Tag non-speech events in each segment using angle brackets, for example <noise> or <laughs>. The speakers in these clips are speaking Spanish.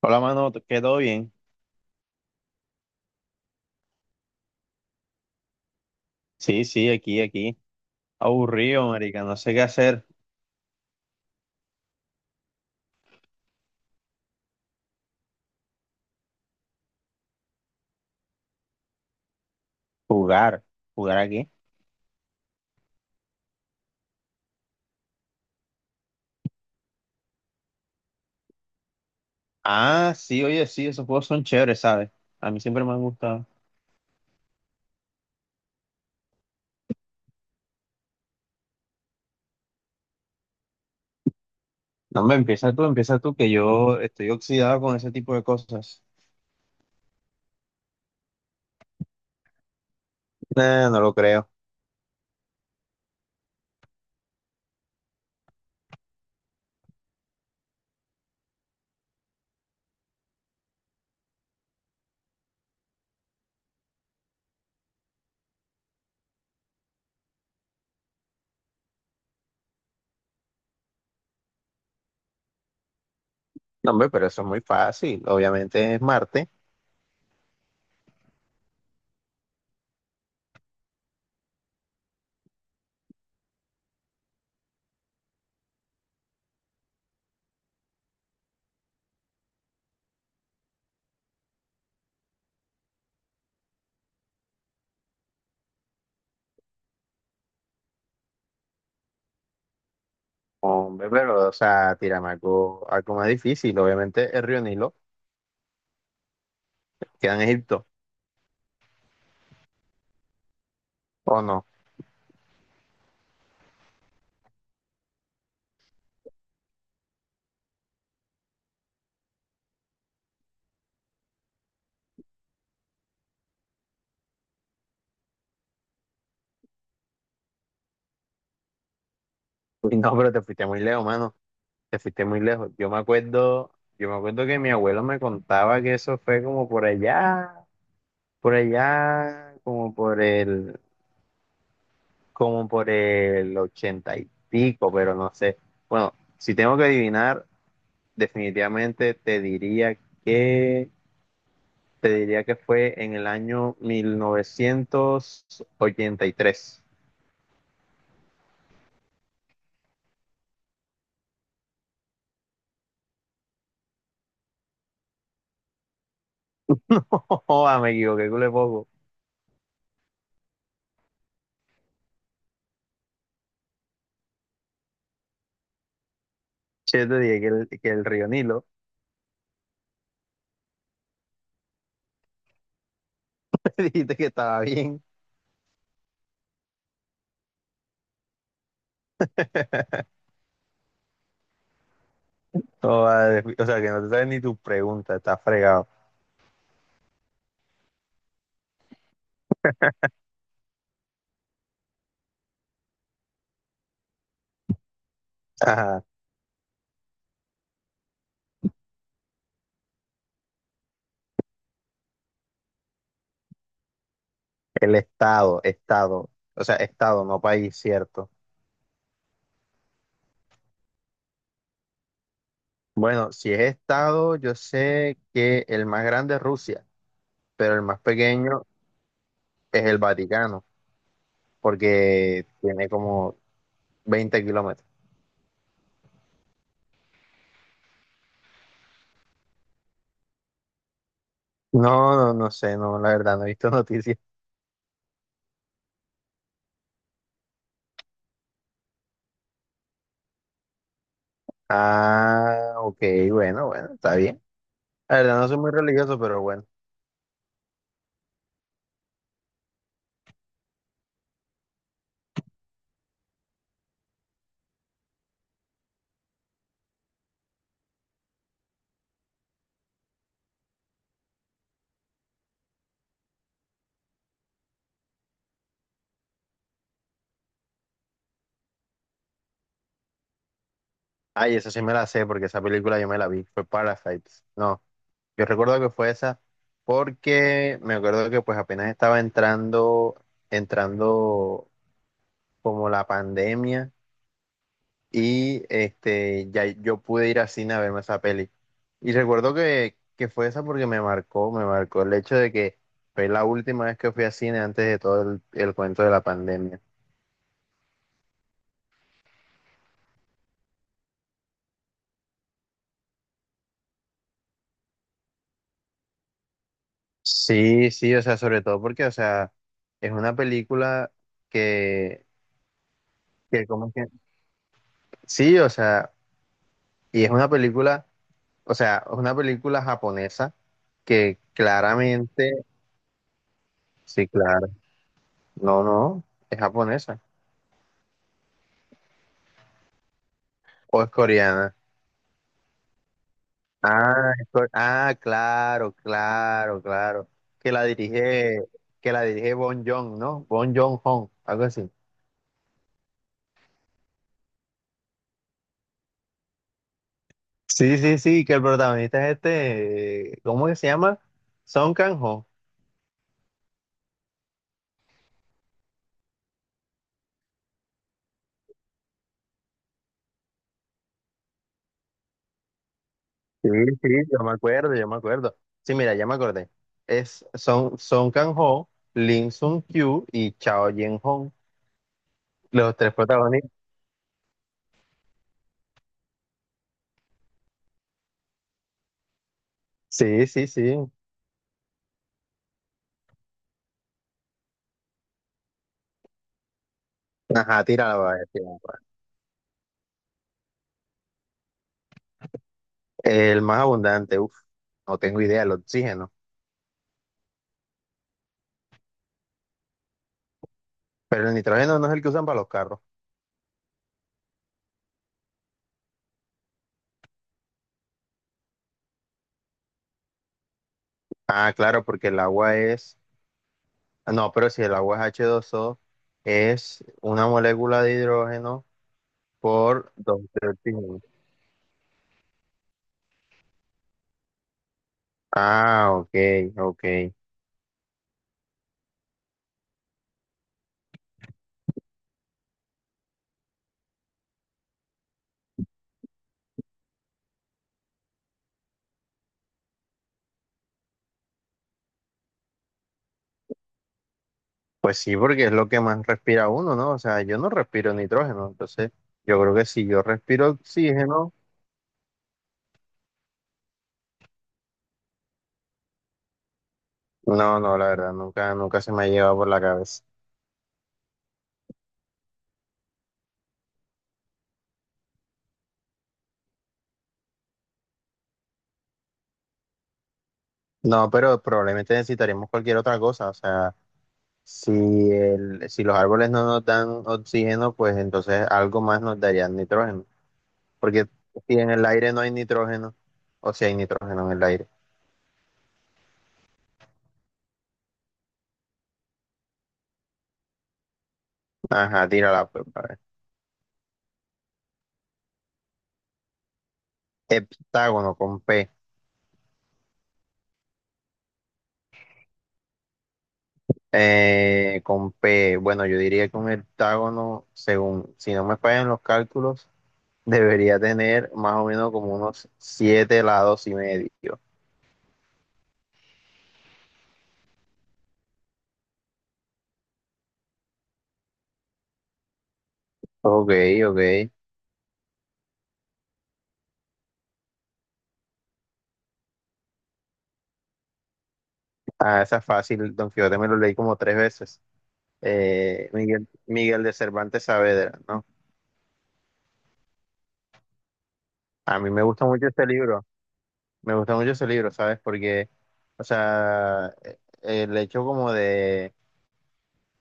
Hola, mano, ¿qué todo bien? Sí, sí, aquí, aquí. Aburrido, marica, no sé qué hacer. Jugar. ¿Jugar aquí? Ah, sí, oye, sí, esos juegos son chéveres, ¿sabes? A mí siempre me han gustado. No, me, Empieza tú, empieza tú, que yo estoy oxidado con ese tipo de cosas. Nah, no lo creo. No, hombre, pero eso es muy fácil. Obviamente es Marte. Hombre, pero, o sea, tírame algo, algo más difícil. Obviamente el río Nilo queda en Egipto, ¿o no? <laughs> Uy, no, pero te fuiste muy lejos, mano. Te fuiste muy lejos. Yo me acuerdo que mi abuelo me contaba que eso fue como por allá, como por el ochenta y pico, pero no sé. Bueno, si tengo que adivinar, definitivamente te diría que, te diría que fue en el año 1983. <laughs> Joda, me equivoqué, cule poco. Che, te dije que el río Nilo. <laughs> Dijiste que estaba bien. No, vale, o sea, que no te sabes ni tu pregunta, está fregado. Ajá, estado, o sea, estado, no país, cierto. Bueno, si es estado, yo sé que el más grande es Rusia, pero el más pequeño es el Vaticano, porque tiene como 20 kilómetros. No, no, no sé, no, la verdad, no he visto <laughs> noticias. Ah, ok, bueno, bueno, está bien. La verdad, no soy muy religioso, pero bueno. Ay, esa sí me la sé, porque esa película yo me la vi, fue Parasites, no. Yo recuerdo que fue esa porque me acuerdo que pues apenas estaba entrando como la pandemia y este ya yo pude ir al cine a verme esa peli. Y recuerdo que fue esa porque me marcó el hecho de que fue la última vez que fui al cine antes de el cuento de la pandemia. Sí, sí, o sea, sobre todo porque, o sea, es una película que, que como que, sí, o sea, y es una película. O sea, es una película japonesa que claramente, sí, claro, no, no, es japonesa o es coreana. Ah, claro, claro, claro. Que la dirige, que la dirige Bon Joon, ¿no? Bon Joon-ho, algo así. Sí, sí, sí, que el protagonista es este, ¿cómo que se llama? Son Kang-ho. Sí, sí, yo me acuerdo, yo me acuerdo. Sí, mira, ya me acordé. Es Son Kang-ho, Lim Sun Kyu y Chao Yen-ho. Los tres protagonistas. Sí, sí, sí. Ajá, tírala, va, tírala, va. El más abundante, uff, no tengo idea, el oxígeno. Pero el nitrógeno no es el que usan para los carros. Ah, claro, porque el agua es. No, pero si el agua es h dos o es una molécula de hidrógeno por dos de oxígeno. Ah, ok, ok. Pues sí, porque es lo que más respira uno, ¿no? O sea, yo no respiro nitrógeno, entonces yo creo que si yo respiro oxígeno, no, no, la verdad, nunca, nunca se me ha llevado por la cabeza. No, pero probablemente necesitaremos cualquier otra cosa. O sea, si, si los árboles no nos dan oxígeno, pues entonces algo más nos darían nitrógeno. Porque si en el aire no hay nitrógeno, o si hay nitrógeno en el aire. Ajá, tírala, pues, a ver. Heptágono con P. Con P. Bueno, yo diría que un heptágono, según, si no me fallan los cálculos, <laughs> debería tener más o menos como unos siete lados y medio. Ok, ok. Ah, esa es fácil, Don Quijote me lo leí como tres veces. Miguel de Cervantes Saavedra, ¿no? A mí me gusta mucho este libro, me gusta mucho ese libro, ¿sabes? Porque, o sea, el hecho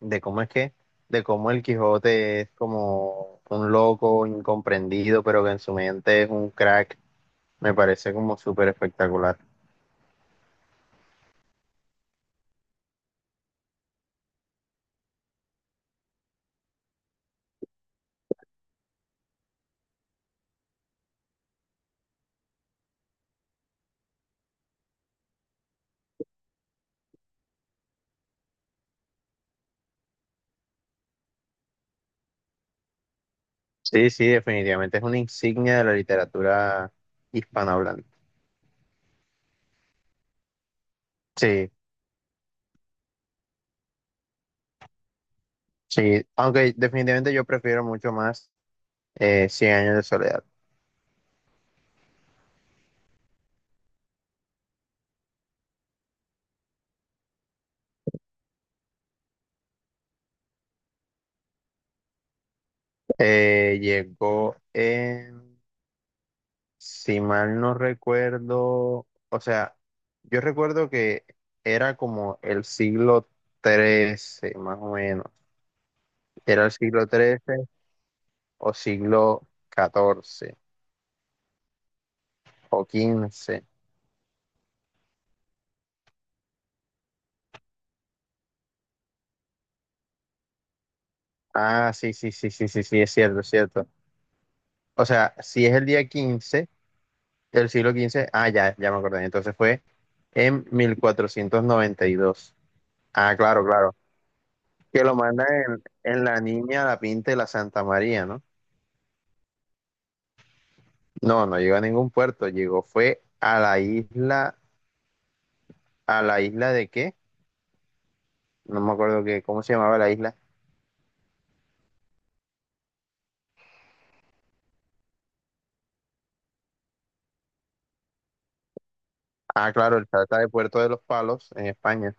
de cómo es que, de cómo el Quijote es como un loco incomprendido, pero que en su mente es un crack, me parece como súper espectacular. Sí, sí, definitivamente es una insignia de la literatura hispanohablante. Sí. Sí, aunque definitivamente yo prefiero mucho más 100 años de soledad. Eh, llegó en, si mal no recuerdo, o sea, yo recuerdo que era como el siglo XIII, más o menos. Era el siglo XIII o siglo XIV o quince. Ah, sí, sí, sí, sí, sí, sí, es cierto, es cierto. O sea, si es el día 15. El siglo XV, ah, ya, ya me acordé. Entonces fue en 1492. Ah, claro, claro. Que lo mandan en la Niña, la Pinta y la Santa María, ¿no? No, no llegó a ningún puerto. Llegó, fue ¿a la isla de qué? No me acuerdo qué, cómo se llamaba la isla. Ah, claro, el Trata de Puerto de los Palos en España.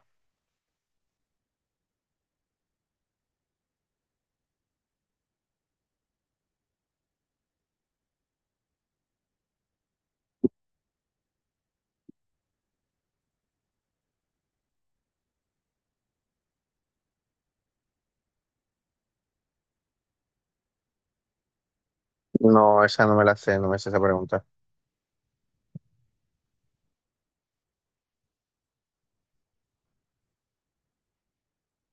No, esa no me la sé, no me sé esa pregunta.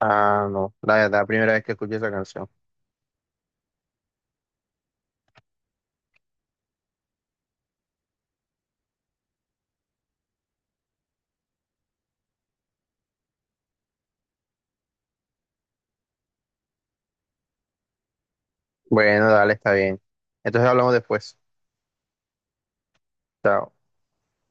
Ah, no, la verdad, primera vez que escuché esa canción. Bueno, dale, está bien. Entonces hablamos después. Chao.